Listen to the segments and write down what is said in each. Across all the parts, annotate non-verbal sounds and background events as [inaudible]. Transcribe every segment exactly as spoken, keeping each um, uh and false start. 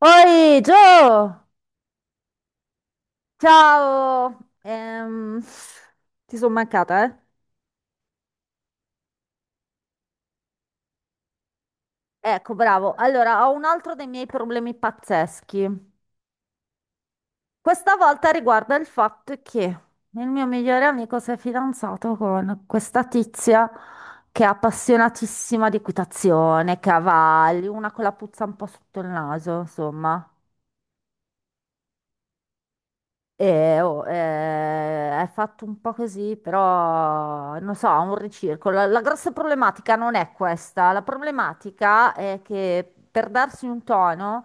Oi, Gio! Ciao! Ehm, ti sono mancata, eh? Ecco, bravo. Allora, ho un altro dei miei problemi pazzeschi. Questa volta riguarda il fatto che il mio migliore amico si è fidanzato con questa tizia che è appassionatissima di equitazione, cavalli, una con la puzza un po' sotto il naso, insomma. E, oh, eh, è fatto un po' così, però non so, ha un ricircolo. La, la grossa problematica non è questa. La problematica è che per darsi un tono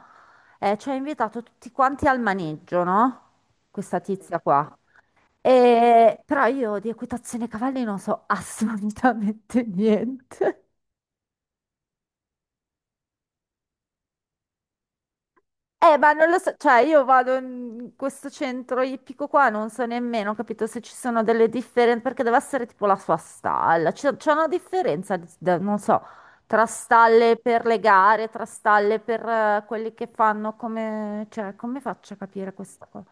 eh, ci ha invitato tutti quanti al maneggio, no? Questa tizia qua. E però io di equitazione cavalli non so [laughs] assolutamente niente. Eh, ma non lo so, cioè io vado in questo centro ippico qua, non so nemmeno, capito, se ci sono delle differenze, perché deve essere tipo la sua stalla, c'è c'è una differenza, di- da- non so, tra stalle per le gare, tra stalle per eh, quelli che fanno come, cioè, come faccio a capire questa cosa?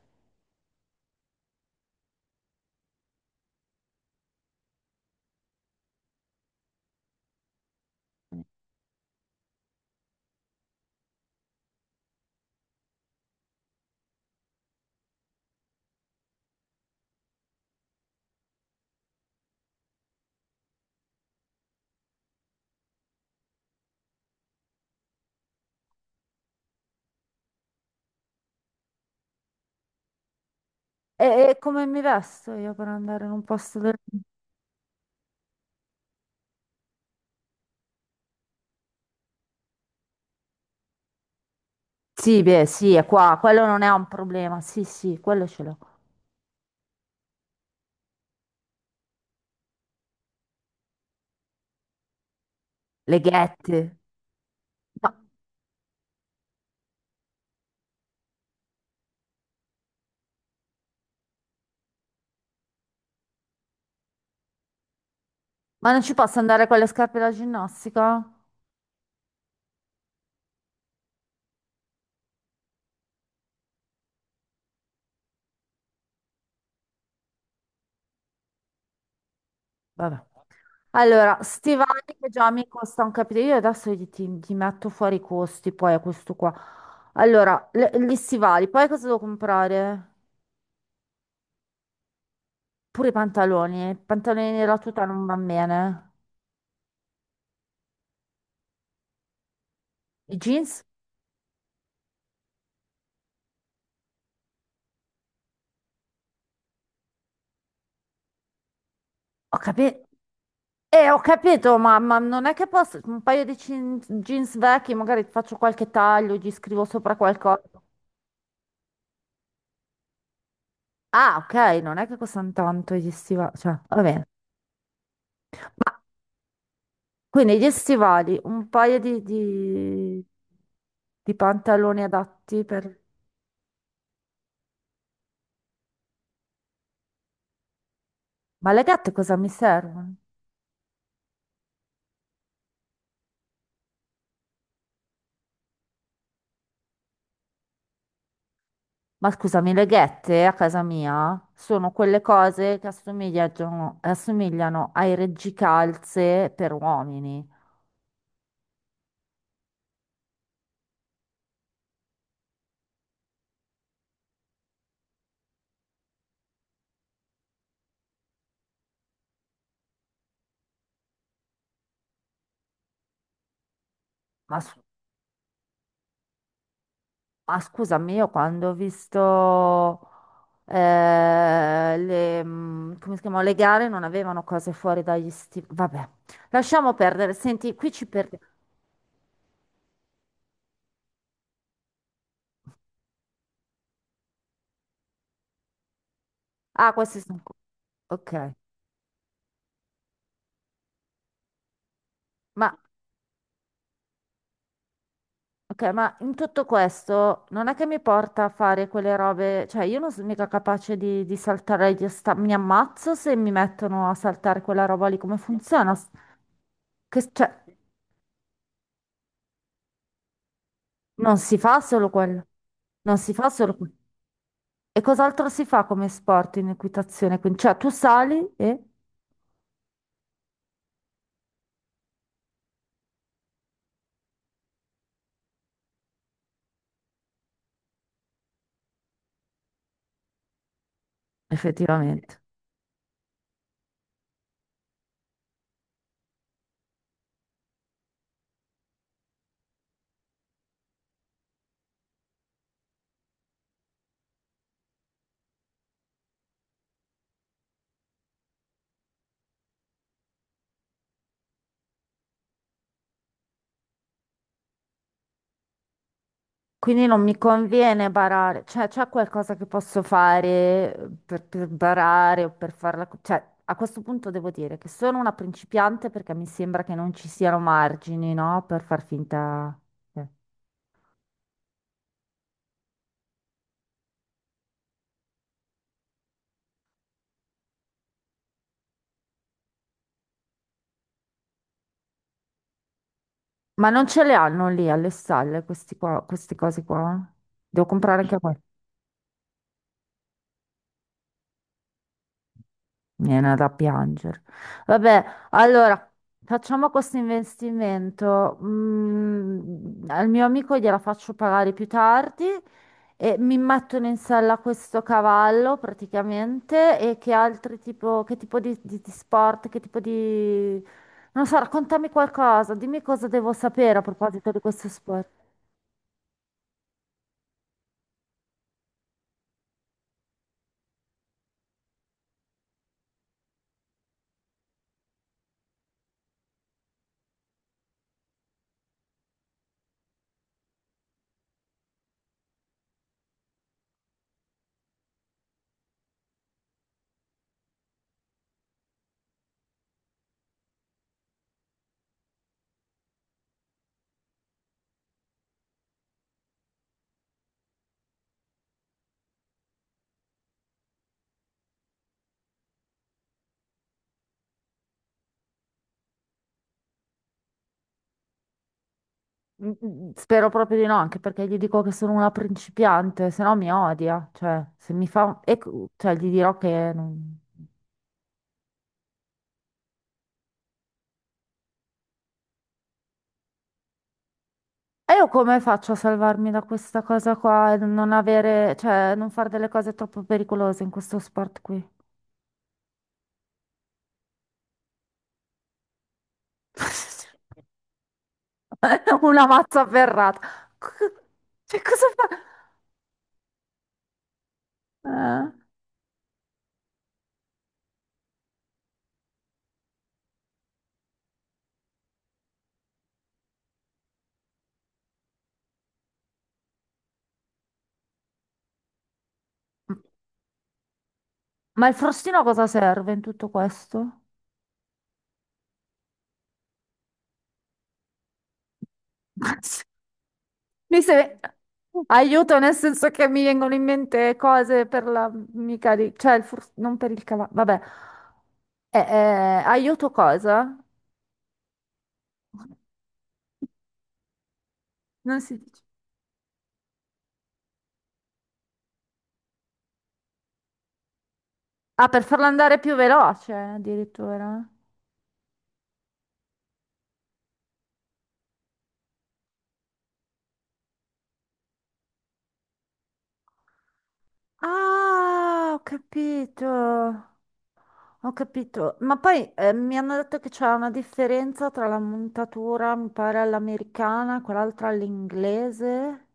E, e come mi vesto io per andare in un posto del... Sì, beh, sì, è qua, quello non è un problema, sì, sì, quello ce l'ho. Le ghette. No, ma non ci posso andare con le scarpe da ginnastica? Vabbè. Allora, stivali che già mi costa un capitolo, io adesso gli- ti, ti metto fuori i costi poi a questo qua. Allora, le- gli stivali, poi cosa devo comprare? Pure i pantaloni, i pantaloni e la tuta non vanno bene. I jeans? Ho capito, eh, ho capito, ma, ma non è che posso, un paio di cin- jeans vecchi, magari faccio qualche taglio, gli scrivo sopra qualcosa. Ah, ok, non è che costano tanto gli stivali, cioè, va bene. Quindi gli stivali, un paio di, di- di pantaloni adatti per... Ma le ghette cosa mi servono? Ma scusami, le ghette a casa mia sono quelle cose che assomigliano, assomigliano ai reggicalze per uomini. Ma, s- ma scusami, io quando ho visto eh, le, mm, come si chiamano, le gare non avevano cose fuori dagli stivali. Vabbè, lasciamo perdere. Senti, qui ci perdiamo. Ah, questi sono... Ok. Ma, ok, ma in tutto questo non è che mi porta a fare quelle robe, cioè io non sono mica capace di, di saltare, gli osta- mi ammazzo se mi mettono a saltare quella roba lì, come funziona? S- Che, cioè, non si fa solo quello, non si fa solo quello. E cos'altro si fa come sport in equitazione? Quindi, cioè tu sali e effettivamente. Quindi non mi conviene barare, cioè c'è qualcosa che posso fare eh, per, per barare o per farla... co- Cioè, a questo punto devo dire che sono una principiante perché mi sembra che non ci siano margini, no? Per far finta... eh. Ma non ce le hanno lì alle stalle questi qua, queste cose qua? Devo comprare anche qua. Mi viene da piangere. Vabbè, allora facciamo questo investimento. Mm, al mio amico gliela faccio pagare più tardi e mi mettono in sella questo cavallo praticamente. E che altri tipo, che tipo di, di- di sport, che tipo di... Non so, raccontami qualcosa, dimmi cosa devo sapere a proposito di questo sport. Mm, mm, mm, spero proprio di no, anche perché gli dico che sono una principiante, se no mi odia. Cioè, se mi fa... E, co- cioè, gli dirò che... non- E io come faccio a salvarmi da questa cosa qua e non avere... Cioè, non fare delle cose troppo pericolose in questo sport qui? [laughs] Una mazza ferrata. C- [laughs] Cioè, cosa fa? Eh, Ma il frustino a cosa serve in tutto questo? [laughs] Mi se- Aiuto nel senso che mi vengono in mente cose per la mica di... cioè il fur- non per il cavallo, vabbè. Eh, eh, aiuto cosa? Non si dice. Ah, per farlo andare più veloce addirittura. Ah, ho capito, ho capito. Ma poi eh, mi hanno detto che c'è una differenza tra la montatura, mi pare, all'americana e quell'altra all'inglese.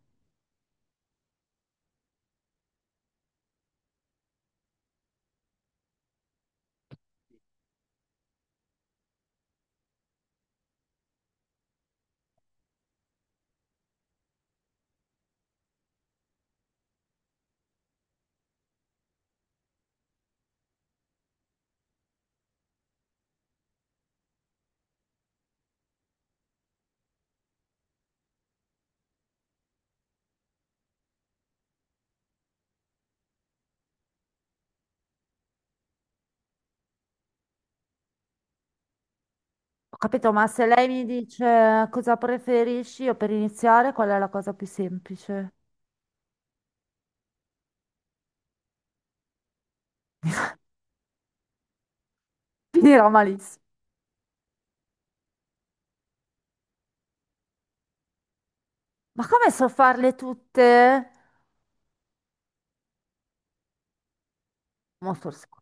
Ho capito, ma se lei mi dice cosa preferisci, io per iniziare, qual è la cosa più semplice? [laughs] Finirà malissimo. Ma come so farle tutte? Molto sc-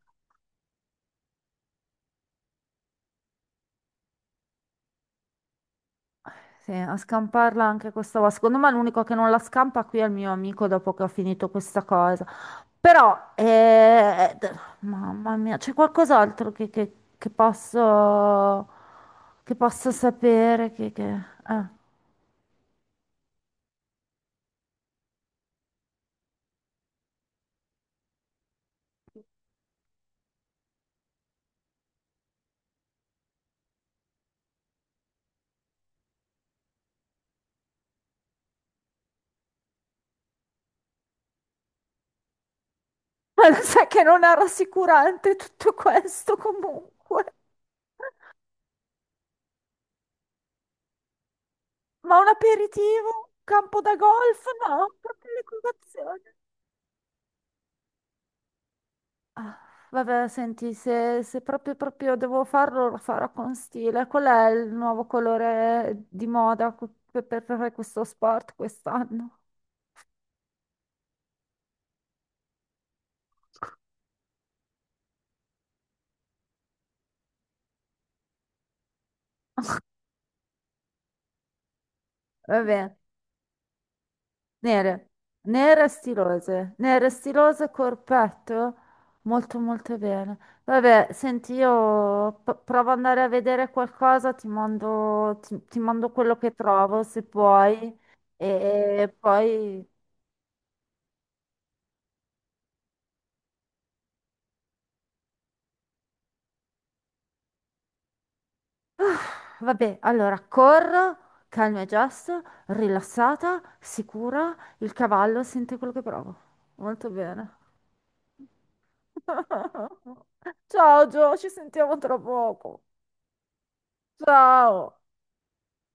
Sì, a scamparla anche questa volta. Secondo me l'unico che non la scampa qui è il mio amico dopo che ho finito questa cosa. Però, eh, d- mamma mia, c'è qualcos'altro che, che- che posso, che posso sapere? Che, che... eh. [laughs] Ma lo sai che non è rassicurante tutto questo comunque. Ma un aperitivo? Campo da golf? No, proprio le colazioni. Ah, vabbè, senti, se, se proprio, proprio devo farlo, lo farò con stile. Qual è il nuovo colore di moda cu- per, per fare questo sport quest'anno? Va bene. Nere, nere stilose, nere stilose, corpetto, molto molto bene. Vabbè, senti, io p- provo ad andare a vedere qualcosa, ti mando, ti, ti mando quello che trovo se puoi. E poi, vabbè, allora corro, calma e gesto, rilassata, sicura, il cavallo sente quello che provo. Molto bene. [laughs] Ciao Gio, ci sentiamo tra poco. Ciao.